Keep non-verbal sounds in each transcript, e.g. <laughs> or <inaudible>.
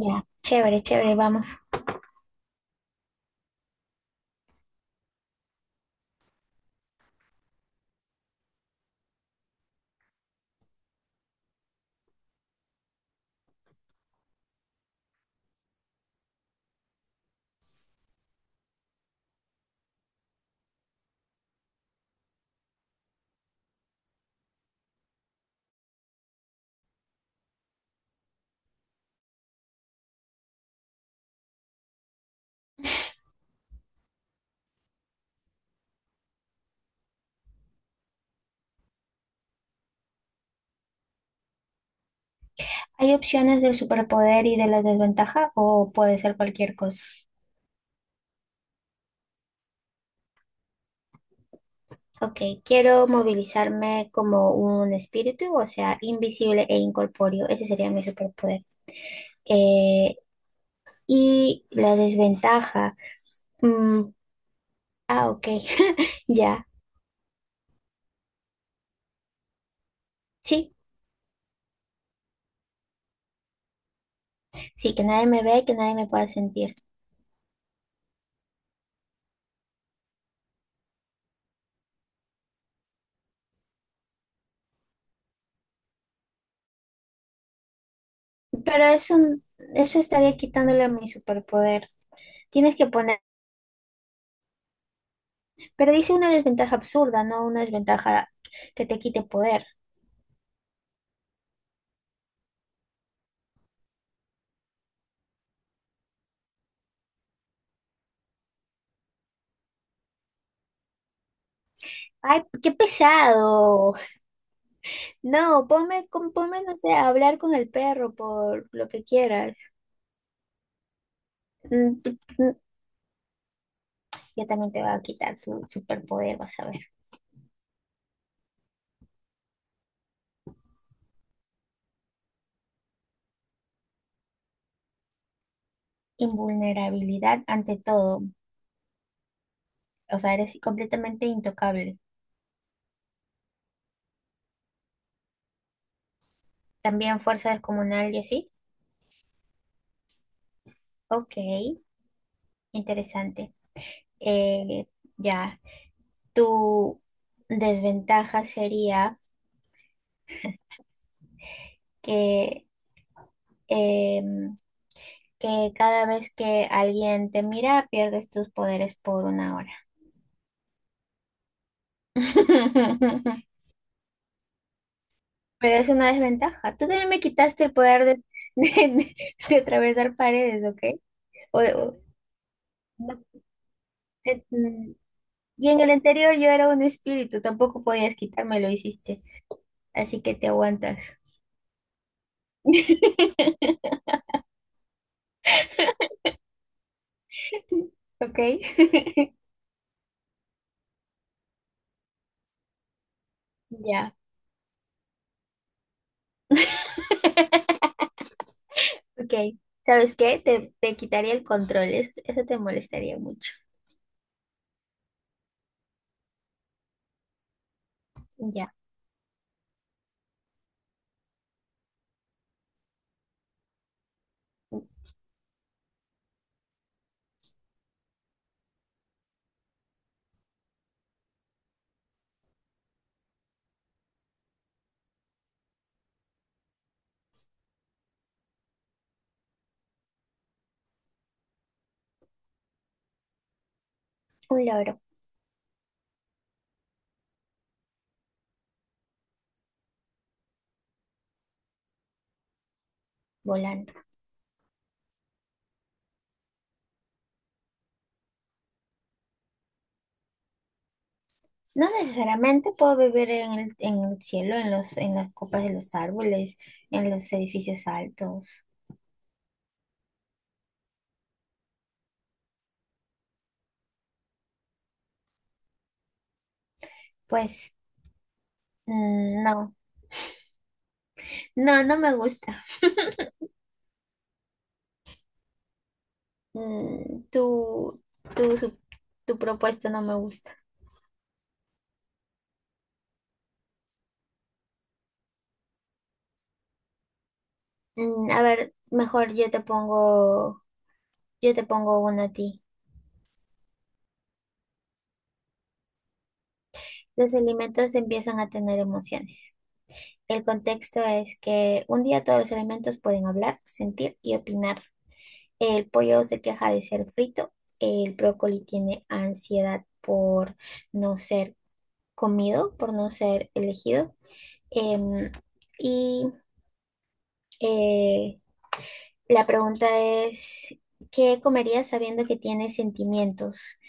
Ya, chévere, chévere, vamos. ¿Hay opciones del superpoder y de la desventaja o puede ser cualquier cosa? Ok, quiero movilizarme como un espíritu, o sea, invisible e incorpóreo. Ese sería mi superpoder. Eh, y la desventaja. mm, ok, <laughs> ya. Sí, sí, que nadie me ve, que nadie me pueda sentir. Pero eso estaría quitándole a mi superpoder. Tienes que poner. Pero dice una desventaja absurda, no una desventaja que te quite poder. Ay, qué pesado. No, ponme, ponme, no sé, a hablar con el perro por lo que quieras. Mm, t- t- Ya también te va a quitar su superpoder, vas a ver. Invulnerabilidad ante todo. O sea, eres completamente intocable. También fuerza descomunal y así. Ok, interesante. Eh, ya. Tu desventaja sería que... em, que cada vez que alguien te mira, pierdes tus poderes por 1 hora. <laughs> Pero es una desventaja. Tú también me quitaste el poder <laughs> de- de atravesar paredes, ¿ok? O- o- no, eh, mm, y en el anterior yo era un espíritu, tampoco podías quitarme, lo hiciste. Así que te aguantas, ¿ok? <laughs> Ya, ok. ¿Sabes qué? Te quitaría el control, eso te molestaría mucho. Ya, un loro volando. No necesariamente puedo vivir en el cielo, en los, en las copas de los árboles, en los edificios altos. Pues no, no, no me gusta. Mm, tu, tu, su- Tu propuesta no me gusta. A ver, mejor yo te pongo una a ti. Los alimentos empiezan a tener emociones. El contexto es que un día todos los alimentos pueden hablar, sentir y opinar. El pollo se queja de ser frito. El brócoli tiene ansiedad por no ser comido, por no ser elegido. Em, y eh, la pregunta es, ¿qué comerías sabiendo que tienes sentimientos?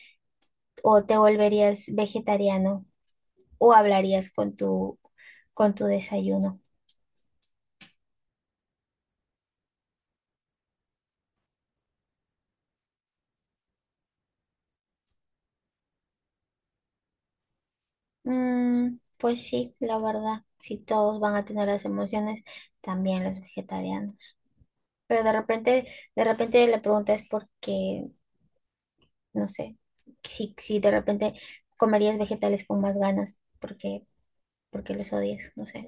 ¿O te volverías vegetariano? ¿O hablarías con tu desayuno? Pues sí, la verdad, si todos van a tener las emociones, también los vegetarianos. Pero de repente la pregunta es porque, no sé, si, si de repente comerías vegetales con más ganas, porque, porque los odias, no sé.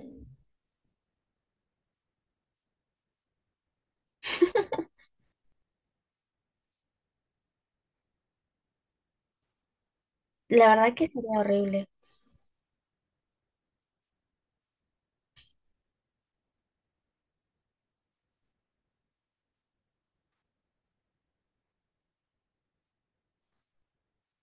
La verdad que sería horrible.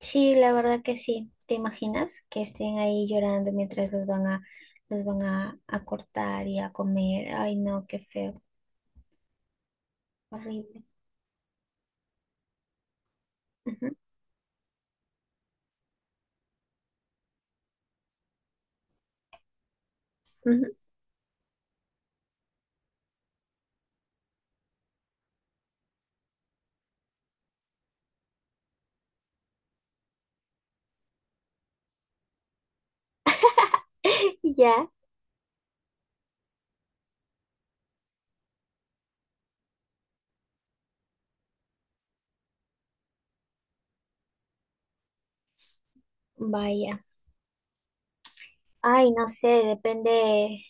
Sí, la verdad que sí. ¿Te imaginas que estén ahí llorando mientras los van a cortar y a comer? Ay, no, qué feo, horrible. Ujú, ujú. <laughs> Ya, vaya. Ay, no sé, depende,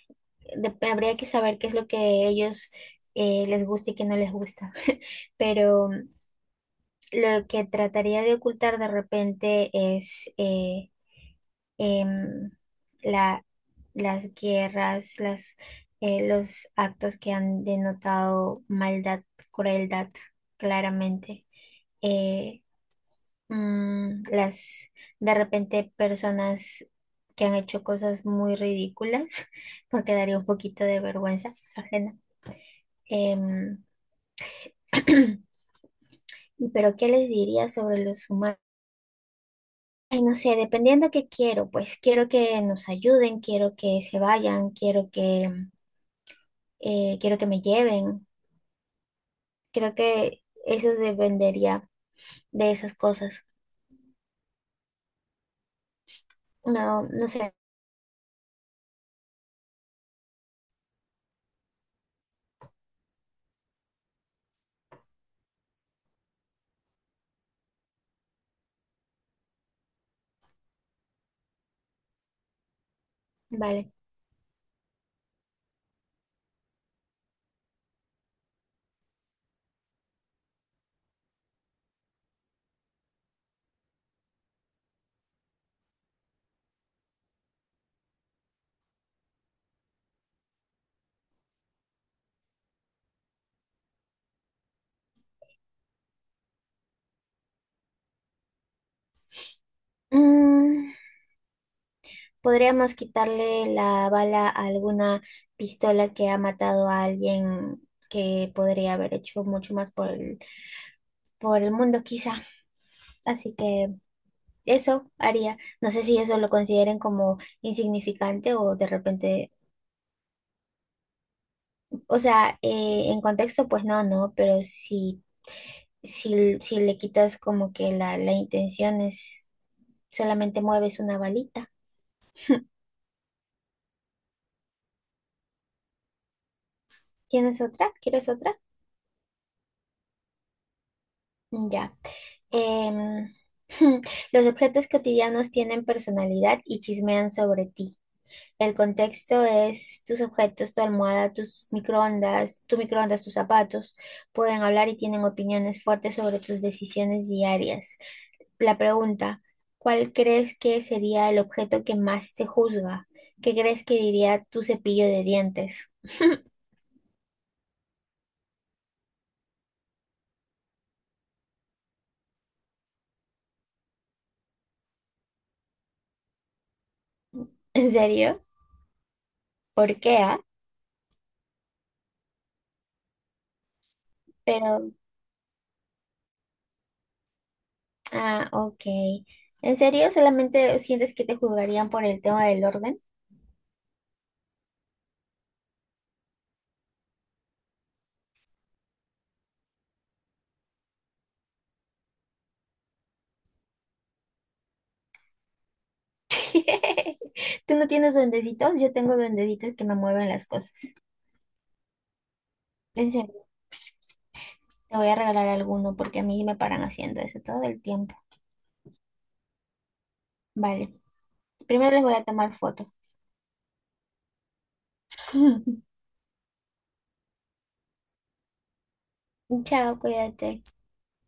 habría que saber qué es lo que ellos les gusta y qué no les gusta. <laughs> Pero mm, lo que trataría de ocultar de repente es em, la, las guerras, las, los actos que han denotado maldad, crueldad, claramente. Eh, las de repente personas que han hecho cosas muy ridículas, <laughs> porque daría un poquito de vergüenza ajena. Em, <clears throat> pero ¿qué les diría sobre los humanos? Ay, no sé, dependiendo qué quiero, pues quiero que nos ayuden, quiero que se vayan, quiero que me lleven. Creo que eso dependería de esas cosas. No, no sé, vale. Mm, Podríamos quitarle la bala a alguna pistola que ha matado a alguien que podría haber hecho mucho más por el mundo, quizá. Así que eso haría. No sé si eso lo consideren como insignificante o de repente, o sea, en contexto, pues no, no, pero si, si, si le quitas como que la intención es solamente mueves una balita. <laughs> ¿Tienes otra? ¿Quieres otra? Ya. Em, <laughs> los objetos cotidianos tienen personalidad y chismean sobre ti. El contexto es tus objetos, tu almohada, tus microondas, tu microondas, tus zapatos. Pueden hablar y tienen opiniones fuertes sobre tus decisiones diarias. La pregunta, ¿cuál crees que sería el objeto que más te juzga? ¿Qué crees que diría tu cepillo de dientes? <laughs> ¿En serio? ¿Por qué, ah? Pero Ah, ok. ¿En serio? ¿Solamente sientes que te juzgarían por el tema del orden? <laughs> ¿Tú no tienes duendecitos? Yo tengo duendecitos que me mueven las cosas. En serio, te voy a regalar alguno porque a mí me paran haciendo eso todo el tiempo. Vale. Primero les voy a tomar foto. <laughs> Chao, cuídate.